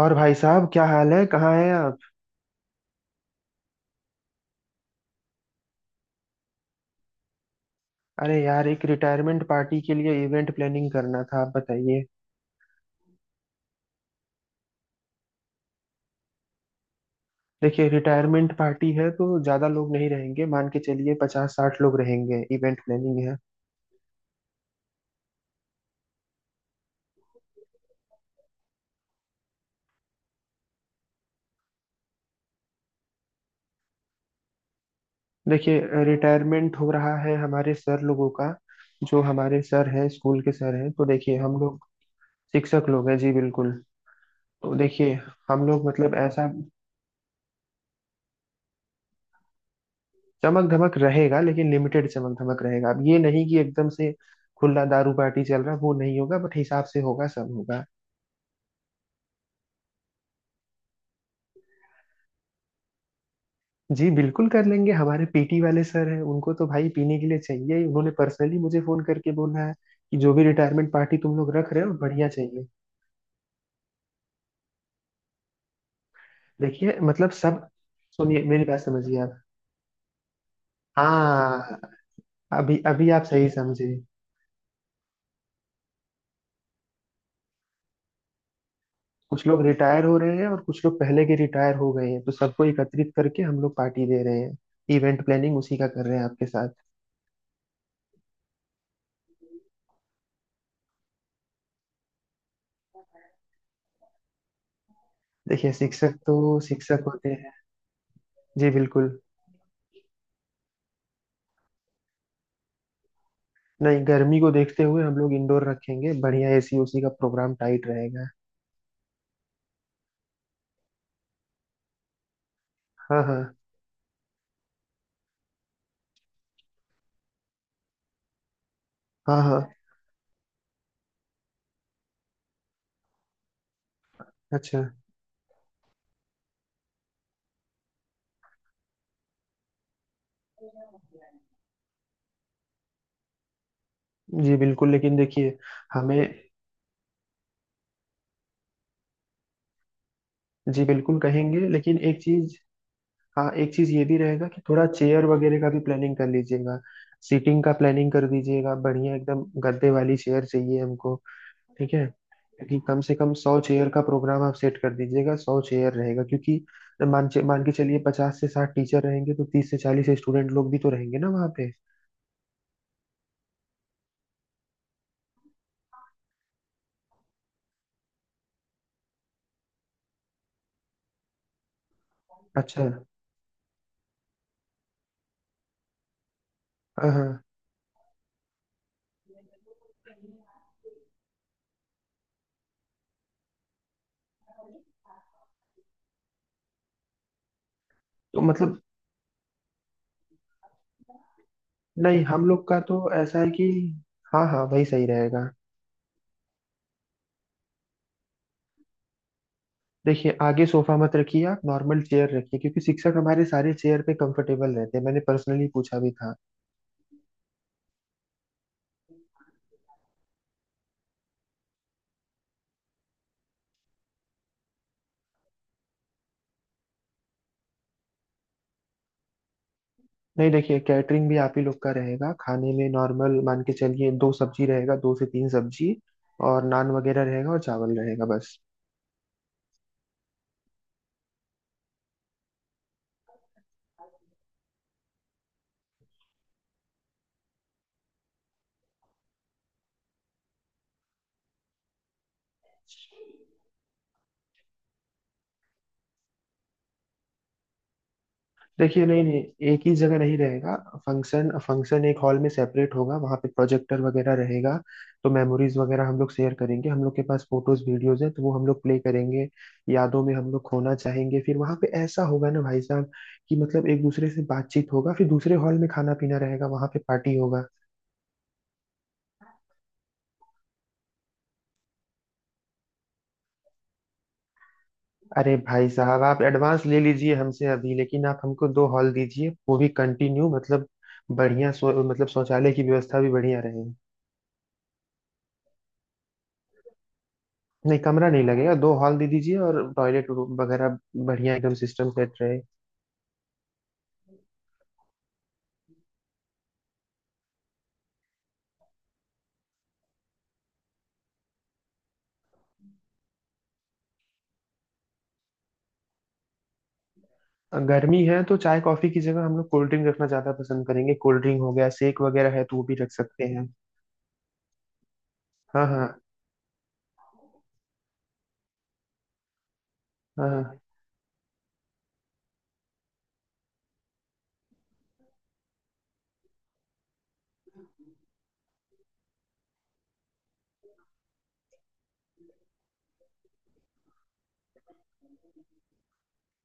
और भाई साहब, क्या हाल है? कहाँ हैं आप? अरे यार, एक रिटायरमेंट पार्टी के लिए इवेंट प्लानिंग करना था। आप बताइए। देखिए, रिटायरमेंट पार्टी है तो ज्यादा लोग नहीं रहेंगे। मान के चलिए 50-60 लोग रहेंगे। इवेंट प्लानिंग है। देखिए, रिटायरमेंट हो रहा है हमारे सर लोगों का। जो हमारे सर हैं, स्कूल के सर हैं, तो देखिए हम लोग। शिक्षक लोग हैं, जी बिल्कुल। तो देखिए हम लोग मतलब ऐसा। चमक धमक रहेगा लेकिन लिमिटेड चमक धमक रहेगा। अब ये नहीं कि एकदम से खुला दारू पार्टी चल रहा है, वो नहीं होगा। बट हिसाब से होगा, सब होगा। जी बिल्कुल कर लेंगे। हमारे पीटी वाले सर हैं, उनको तो भाई पीने के लिए चाहिए ही। उन्होंने पर्सनली मुझे फोन करके बोला है कि जो भी रिटायरमेंट पार्टी तुम लोग रख रहे हो, बढ़िया चाहिए। देखिए मतलब सब। सुनिए मेरी बात, समझिए आप। हाँ। अभी अभी आप सही समझे। कुछ लोग रिटायर हो रहे हैं और कुछ लोग पहले के रिटायर हो गए हैं, तो सबको एकत्रित करके हम लोग पार्टी दे रहे हैं। इवेंट प्लानिंग उसी का कर रहे हैं आपके साथ। देखिए, शिक्षक तो शिक्षक होते हैं। जी बिल्कुल। नहीं, गर्मी को देखते हुए हम लोग इंडोर रखेंगे। बढ़िया एसी, उसी का प्रोग्राम टाइट रहेगा। हाँ हाँ। हाँ हाँ। अच्छा। जी बिल्कुल, लेकिन देखिए। हमें। जी बिल्कुल कहेंगे, लेकिन एक चीज। हाँ, एक चीज ये भी रहेगा कि थोड़ा चेयर वगैरह का भी प्लानिंग कर लीजिएगा। सीटिंग का प्लानिंग कर दीजिएगा, बढ़िया एकदम गद्दे वाली चेयर चाहिए हमको। ठीक है, क्योंकि कम से कम 100 चेयर का प्रोग्राम आप सेट कर दीजिएगा। 100 चेयर रहेगा क्योंकि मान के चलिए 50 से 60 टीचर रहेंगे, तो 30 से 40 स्टूडेंट लोग भी तो रहेंगे ना वहाँ पे। अच्छा, हाँ। हाँ। तो मतलब। नहीं, हम लोग का तो ऐसा है कि। हाँ हाँ, वही सही रहेगा। देखिए, आगे सोफा मत रखिए। आप नॉर्मल चेयर रखिए, क्योंकि शिक्षक हमारे सारे चेयर पे कंफर्टेबल रहते हैं। मैंने पर्सनली पूछा भी था। नहीं, देखिए, कैटरिंग भी आप ही लोग का रहेगा। खाने में नॉर्मल मान के चलिए दो सब्जी रहेगा, दो से तीन सब्जी। और नान वगैरह रहेगा और चावल रहेगा, बस। देखिए, नहीं नहीं। एक ही जगह नहीं रहेगा। फंक्शन फंक्शन एक हॉल में सेपरेट होगा, वहाँ पे प्रोजेक्टर वगैरह रहेगा। तो मेमोरीज वगैरह हम लोग शेयर करेंगे। हम लोग के पास फोटोज वीडियोज हैं तो वो हम लोग प्ले करेंगे। यादों में हम लोग खोना चाहेंगे। फिर वहाँ पे ऐसा होगा ना भाई साहब, कि मतलब एक दूसरे से बातचीत होगा। फिर दूसरे हॉल में खाना पीना रहेगा, वहाँ पे पार्टी होगा। अरे भाई साहब, आप एडवांस ले लीजिए हमसे अभी, लेकिन आप हमको दो हॉल दीजिए, वो भी कंटिन्यू मतलब। बढ़िया, सो, मतलब शौचालय की व्यवस्था भी बढ़िया रहे। नहीं, कमरा नहीं लगेगा। दो हॉल दे दीजिए और टॉयलेट वगैरह बढ़िया एकदम सिस्टम सेट रहे। गर्मी है तो चाय कॉफी की जगह हम लोग कोल्ड ड्रिंक रखना ज्यादा पसंद करेंगे। कोल्ड ड्रिंक हो गया, शेक वगैरह है तो वो भी रख सकते हैं। हाँ हाँ। हाँ हाँ।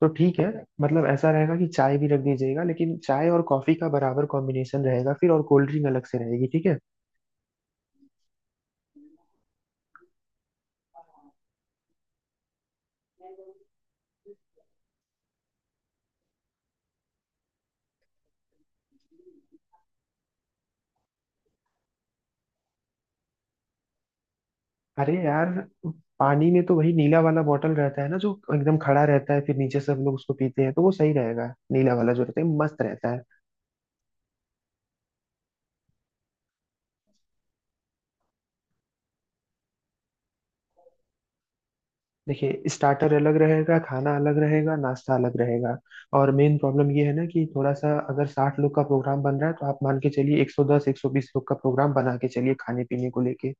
तो ठीक है। मतलब ऐसा रहेगा कि चाय भी रख दीजिएगा, लेकिन चाय और कॉफी का बराबर कॉम्बिनेशन रहेगा, फिर और कोल्ड ड्रिंक अलग से रहेगी। ठीक है। अरे यार, पानी में तो वही नीला वाला बॉटल रहता है ना, जो एकदम खड़ा रहता है, फिर नीचे से हम लोग उसको पीते हैं, तो वो सही रहेगा। नीला वाला जो रहता है, मस्त रहता है। देखिए, स्टार्टर अलग रहेगा, खाना अलग रहेगा, नाश्ता अलग रहेगा। और मेन प्रॉब्लम ये है ना कि थोड़ा सा अगर 60 लोग का प्रोग्राम बन रहा है, तो आप मान के चलिए 110-120 लोग का प्रोग्राम बना के चलिए खाने पीने को लेके।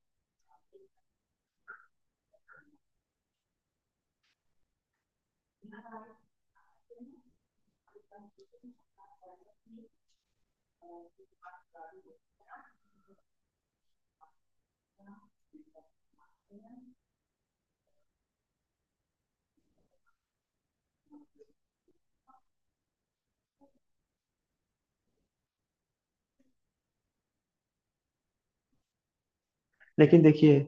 लेकिन देखिए,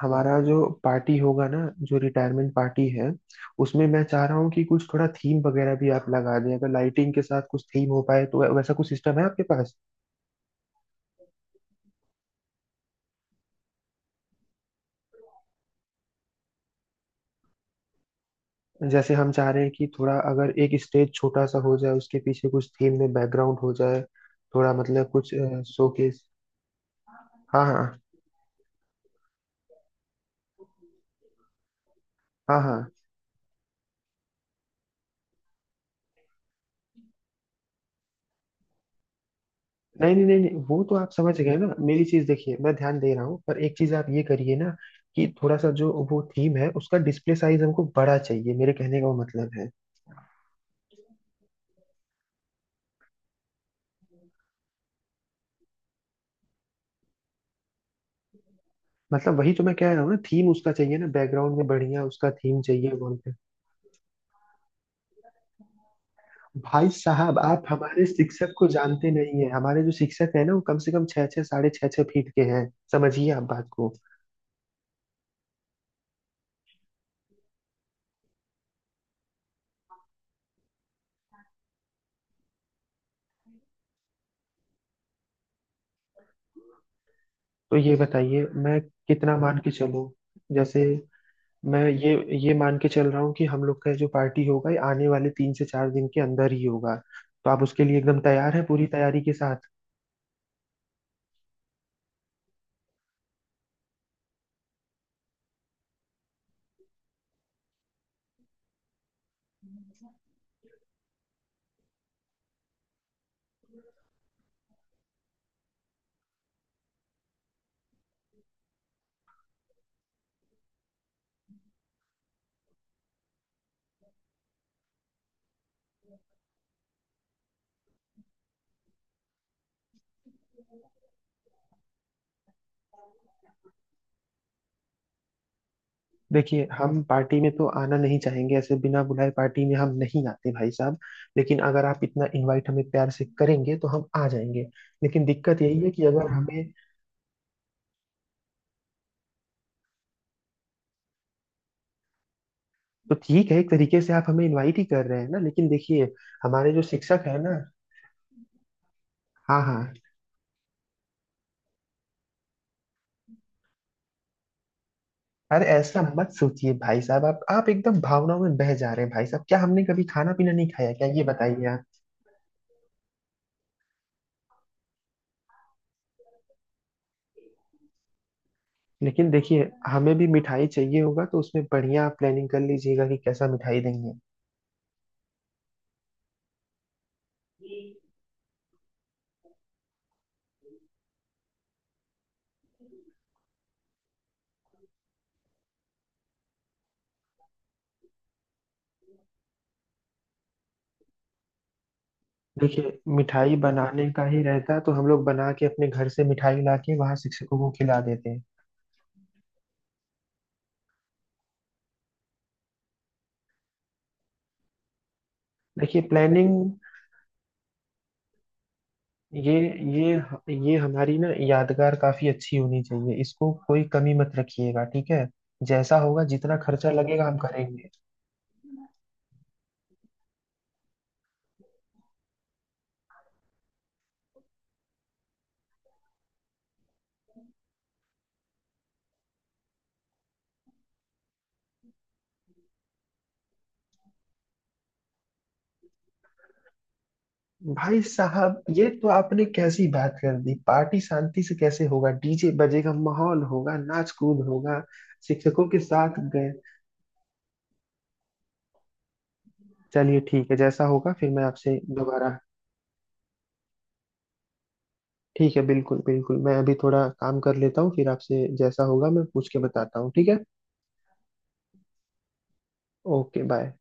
हमारा जो पार्टी होगा ना, जो रिटायरमेंट पार्टी है, उसमें मैं चाह रहा हूँ कि कुछ थोड़ा थीम वगैरह भी आप लगा दें। अगर लाइटिंग के साथ कुछ थीम हो पाए, तो वैसा कुछ सिस्टम है आपके पास? जैसे हम चाह रहे हैं कि थोड़ा अगर एक स्टेज छोटा सा हो जाए, उसके पीछे कुछ थीम में बैकग्राउंड हो जाए। थोड़ा मतलब कुछ शोकेस। हाँ हाँ। हाँ हाँ। नहीं नहीं नहीं नहीं, वो तो आप समझ गए ना मेरी चीज। देखिए, मैं ध्यान दे रहा हूँ, पर एक चीज आप ये करिए ना, कि थोड़ा सा जो वो थीम है, उसका डिस्प्ले साइज हमको बड़ा चाहिए। मेरे कहने का वो मतलब है। मतलब वही तो मैं कह रहा हूँ ना, थीम उसका चाहिए ना बैकग्राउंड में, बढ़िया उसका थीम चाहिए वॉल। भाई साहब, आप हमारे शिक्षक को जानते नहीं है। हमारे जो शिक्षक है ना, वो कम से कम छः छः साढ़े छः छः फीट के हैं। समझिए आप बात को। तो ये बताइए मैं कितना मान के चलूं? जैसे मैं ये मान के चल रहा हूँ कि हम लोग का जो पार्टी होगा, ये आने वाले 3 से 4 दिन के अंदर ही होगा। तो आप उसके लिए एकदम तैयार हैं पूरी तैयारी के साथ? देखिए, हम पार्टी में तो आना नहीं चाहेंगे। ऐसे बिना बुलाए पार्टी में हम नहीं आते भाई साहब। लेकिन अगर आप इतना इनवाइट हमें प्यार से करेंगे, तो हम आ जाएंगे। लेकिन दिक्कत यही है कि अगर हमें, तो ठीक है, एक तरीके से आप हमें इनवाइट ही कर रहे हैं ना। लेकिन देखिए, हमारे जो शिक्षक है ना। हाँ हाँ। अरे, ऐसा मत सोचिए भाई साहब, आप एकदम भावनाओं में बह जा रहे हैं। भाई साहब, क्या हमने कभी खाना पीना नहीं खाया? क्या ये बताइए आप। लेकिन देखिए, हमें भी मिठाई चाहिए होगा, तो उसमें बढ़िया आप प्लानिंग कर लीजिएगा कि कैसा मिठाई देंगे। देखिए, मिठाई बनाने का ही रहता, तो हम लोग बना के अपने घर से मिठाई ला के वहाँ शिक्षकों को खिला देते हैं। देखिए, प्लानिंग ये ये हमारी ना यादगार काफी अच्छी होनी चाहिए। इसको कोई कमी मत रखिएगा, ठीक है। जैसा होगा, जितना खर्चा लगेगा, हम करेंगे। भाई साहब, ये तो आपने कैसी बात कर दी? पार्टी शांति से कैसे होगा? डीजे बजेगा, माहौल होगा, नाच कूद होगा। शिक्षकों के साथ गए, चलिए ठीक है, जैसा होगा फिर मैं आपसे दोबारा। ठीक है, बिल्कुल बिल्कुल, मैं अभी थोड़ा काम कर लेता हूँ, फिर आपसे जैसा होगा मैं पूछ के बताता हूँ, ठीक है। Okay bye.